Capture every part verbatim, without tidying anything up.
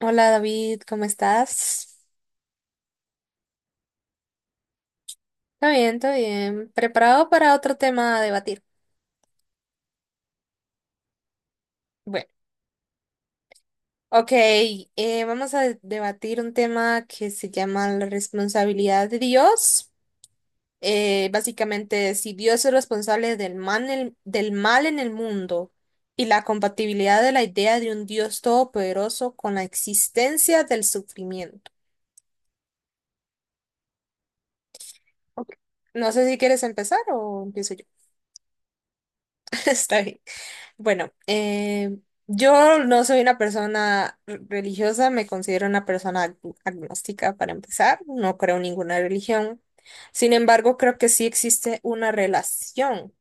Hola David, ¿cómo estás? Está bien, está bien. ¿Preparado para otro tema a debatir? Bueno, ok, eh, vamos a de- debatir un tema que se llama la responsabilidad de Dios. Eh, básicamente, si Dios es responsable del mal, en- del mal en el mundo y la compatibilidad de la idea de un Dios todopoderoso con la existencia del sufrimiento. Ok. No sé si quieres empezar o empiezo yo. Está bien. Bueno, eh, yo no soy una persona r- religiosa, me considero una persona ag- agnóstica para empezar, no creo en ninguna religión. Sin embargo, creo que sí existe una relación,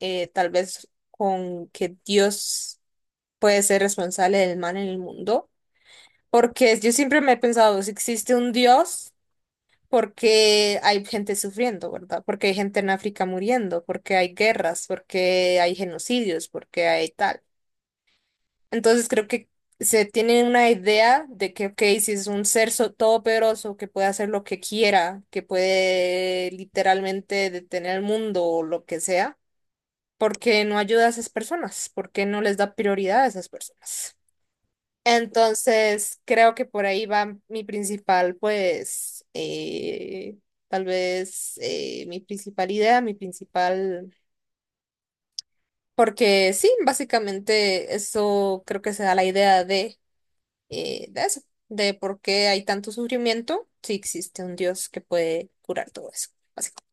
eh, tal vez con que Dios puede ser responsable del mal en el mundo, porque yo siempre me he pensado, si existe un Dios, porque hay gente sufriendo, ¿verdad? Porque hay gente en África muriendo, porque hay guerras, porque hay genocidios, porque hay tal. Entonces creo que se tiene una idea de que, ok, si es un ser so- todopoderoso que puede hacer lo que quiera, que puede literalmente detener el mundo o lo que sea, ¿por qué no ayuda a esas personas? ¿Por qué no les da prioridad a esas personas? Entonces creo que por ahí va mi principal, pues, eh, tal vez eh, mi principal idea, mi principal... Porque sí, básicamente eso creo que se da la idea de... eh, de eso, de por qué hay tanto sufrimiento, si existe un Dios que puede curar todo eso, básicamente.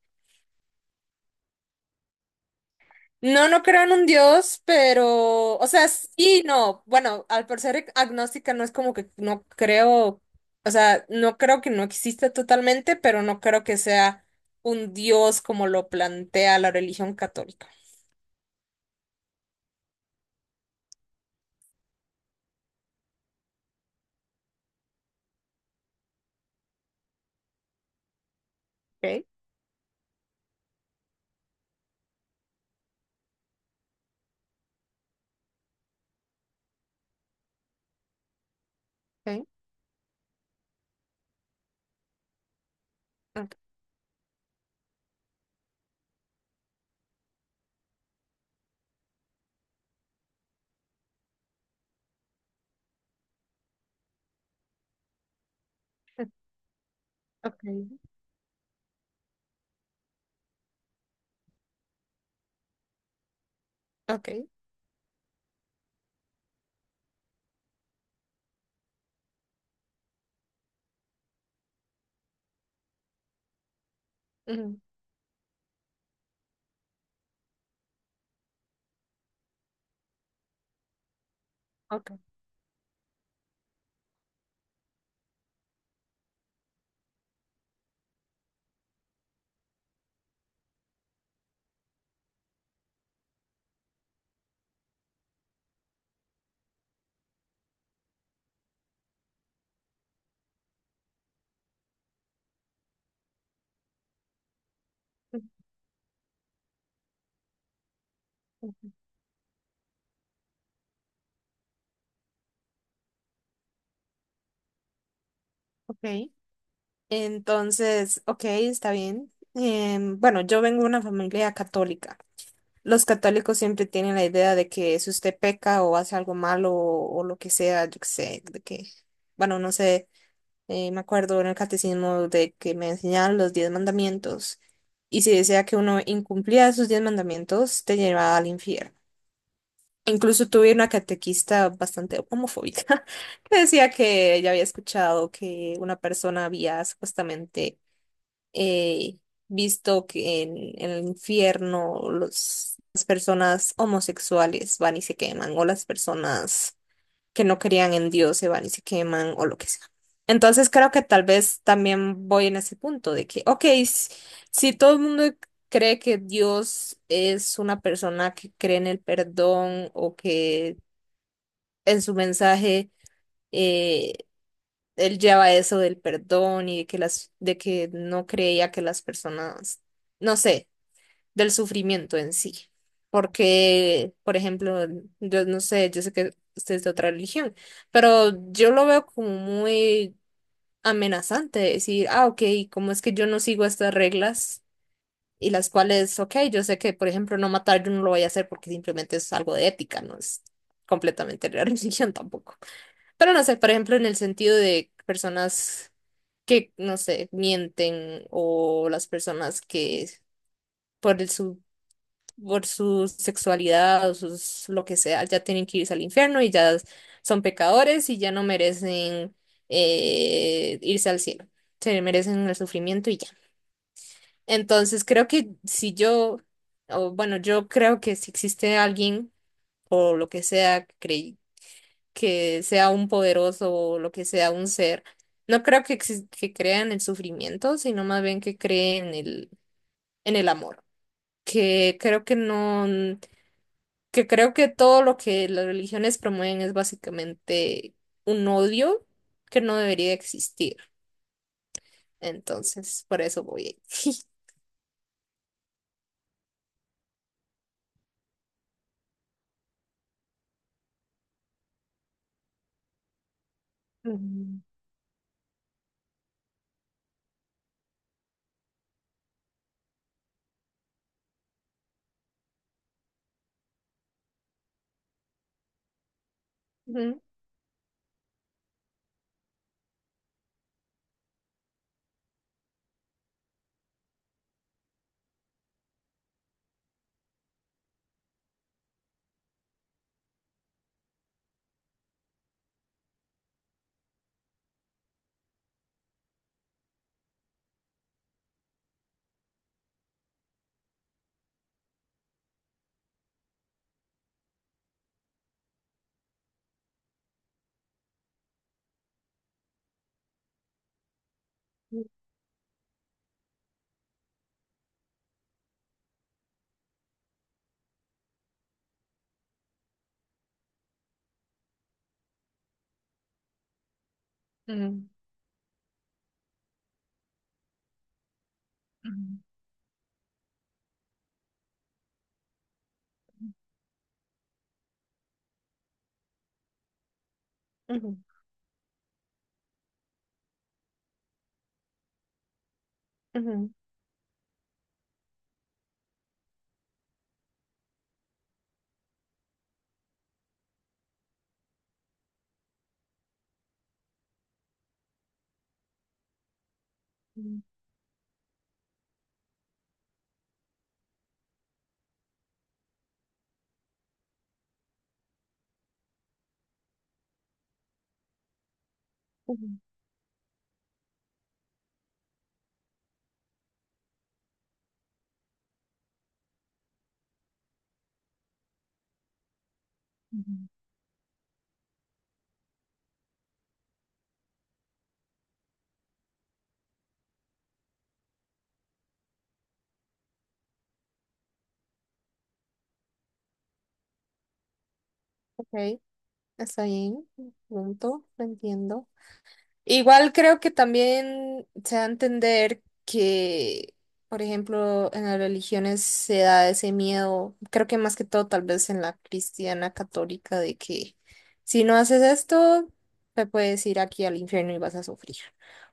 No, no creo en un Dios, pero, o sea, sí, no, bueno, al por ser agnóstica no es como que no creo, o sea, no creo que no exista totalmente, pero no creo que sea un Dios como lo plantea la religión católica. Okay, okay, okay, okay, okay, ujú, okay, ujú, ujú, ok. Entonces, ok, está bien. Em, bueno, yo vengo de una familia católica. Los católicos siempre tienen la idea de que si usted peca o hace algo malo o, o lo que sea, yo qué sé, de que, bueno, no sé, eh, me acuerdo en el catecismo de que me enseñaban los diez mandamientos y si decía que uno incumplía esos diez mandamientos, te llevaba al infierno. Incluso tuve una catequista bastante homofóbica que decía que ella había escuchado que una persona había supuestamente eh, visto que en, en el infierno los, las personas homosexuales van y se queman, o las personas que no creían en Dios se van y se queman, o lo que sea. Entonces creo que tal vez también voy en ese punto de que, ok, s- si todo el mundo cree que Dios es una persona que cree en el perdón o que en su mensaje eh, él lleva eso del perdón y de que las, de que no creía que las personas, no sé, del sufrimiento en sí. Porque, por ejemplo, yo no sé, yo sé que usted es de otra religión, pero yo lo veo como muy amenazante decir, ah, ok, ¿cómo es que yo no sigo estas reglas? Y las cuales, ok, yo sé que, por ejemplo, no matar yo no lo voy a hacer porque simplemente es algo de ética, no es completamente de la religión tampoco. Pero no sé, por ejemplo, en el sentido de personas que, no sé, mienten o las personas que por el su, por su sexualidad o sus, lo que sea, ya tienen que irse al infierno y ya son pecadores y ya no merecen eh, irse al cielo. Se merecen el sufrimiento y ya. Entonces creo que si yo, o bueno, yo creo que si existe alguien o lo que sea, que sea un poderoso o lo que sea un ser. No creo que, exis- que crea en el sufrimiento, sino más bien que cree en el, en el amor. Que creo que no, que creo que todo lo que las religiones promueven es básicamente un odio que no debería existir. Entonces, por eso voy ahí. Ujú, ujú, ujú, ujú, ujú, ujú, ujú, ujú. Ok, está bien. Punto, lo entiendo. Igual creo que también se da a entender que, por ejemplo, en las religiones se da ese miedo, creo que más que todo tal vez en la cristiana católica, de que si no haces esto, te puedes ir aquí al infierno y vas a sufrir.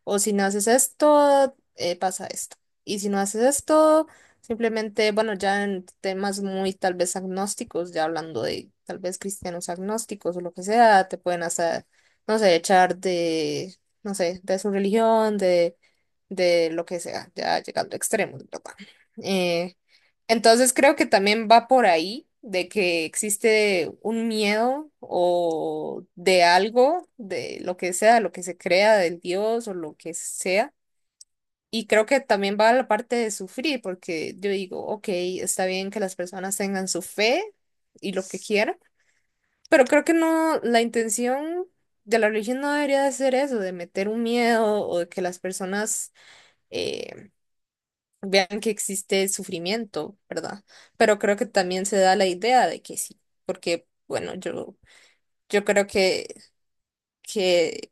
O si no haces esto, eh, pasa esto. Y si no haces esto, simplemente, bueno, ya en temas muy tal vez agnósticos, ya hablando de tal vez cristianos agnósticos o lo que sea, te pueden hacer no sé, echar de no sé, de su religión, de, de lo que sea, ya llegando a extremos, ¿verdad? Eh, entonces creo que también va por ahí de que existe un miedo o de algo, de lo que sea, lo que se crea del Dios o lo que sea. Y creo que también va la parte de sufrir, porque yo digo, ok, está bien que las personas tengan su fe y lo que quieran pero creo que no, la intención de la religión no debería de ser eso, de meter un miedo o de que las personas eh, vean que existe sufrimiento, ¿verdad? Pero creo que también se da la idea de que sí, porque, bueno, yo, yo creo que, que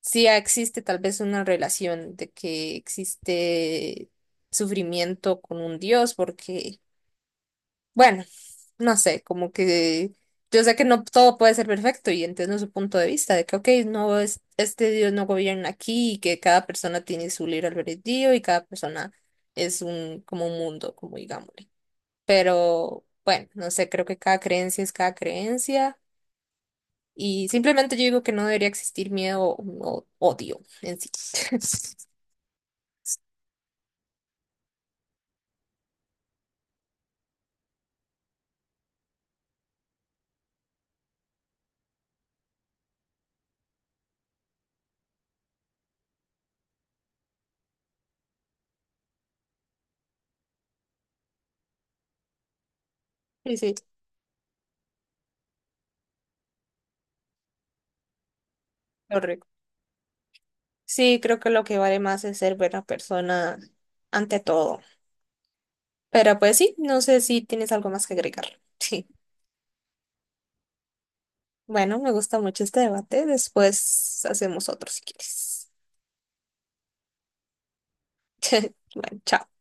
sí existe tal vez una relación de que existe sufrimiento con un Dios, porque bueno, no sé, como que yo sé que no todo puede ser perfecto y entiendo su punto de vista de que, ok, no es, este Dios no gobierna aquí y que cada persona tiene su libre albedrío y cada persona es un, como un mundo, como digámosle. Pero bueno, no sé, creo que cada creencia es cada creencia y simplemente yo digo que no debería existir miedo o odio en sí. Sí, sí, correcto. Sí, creo que lo que vale más es ser buena persona ante todo. Pero pues sí, no sé si tienes algo más que agregar. Sí. Bueno, me gusta mucho este debate. Después hacemos otro si quieres. Bueno, chao.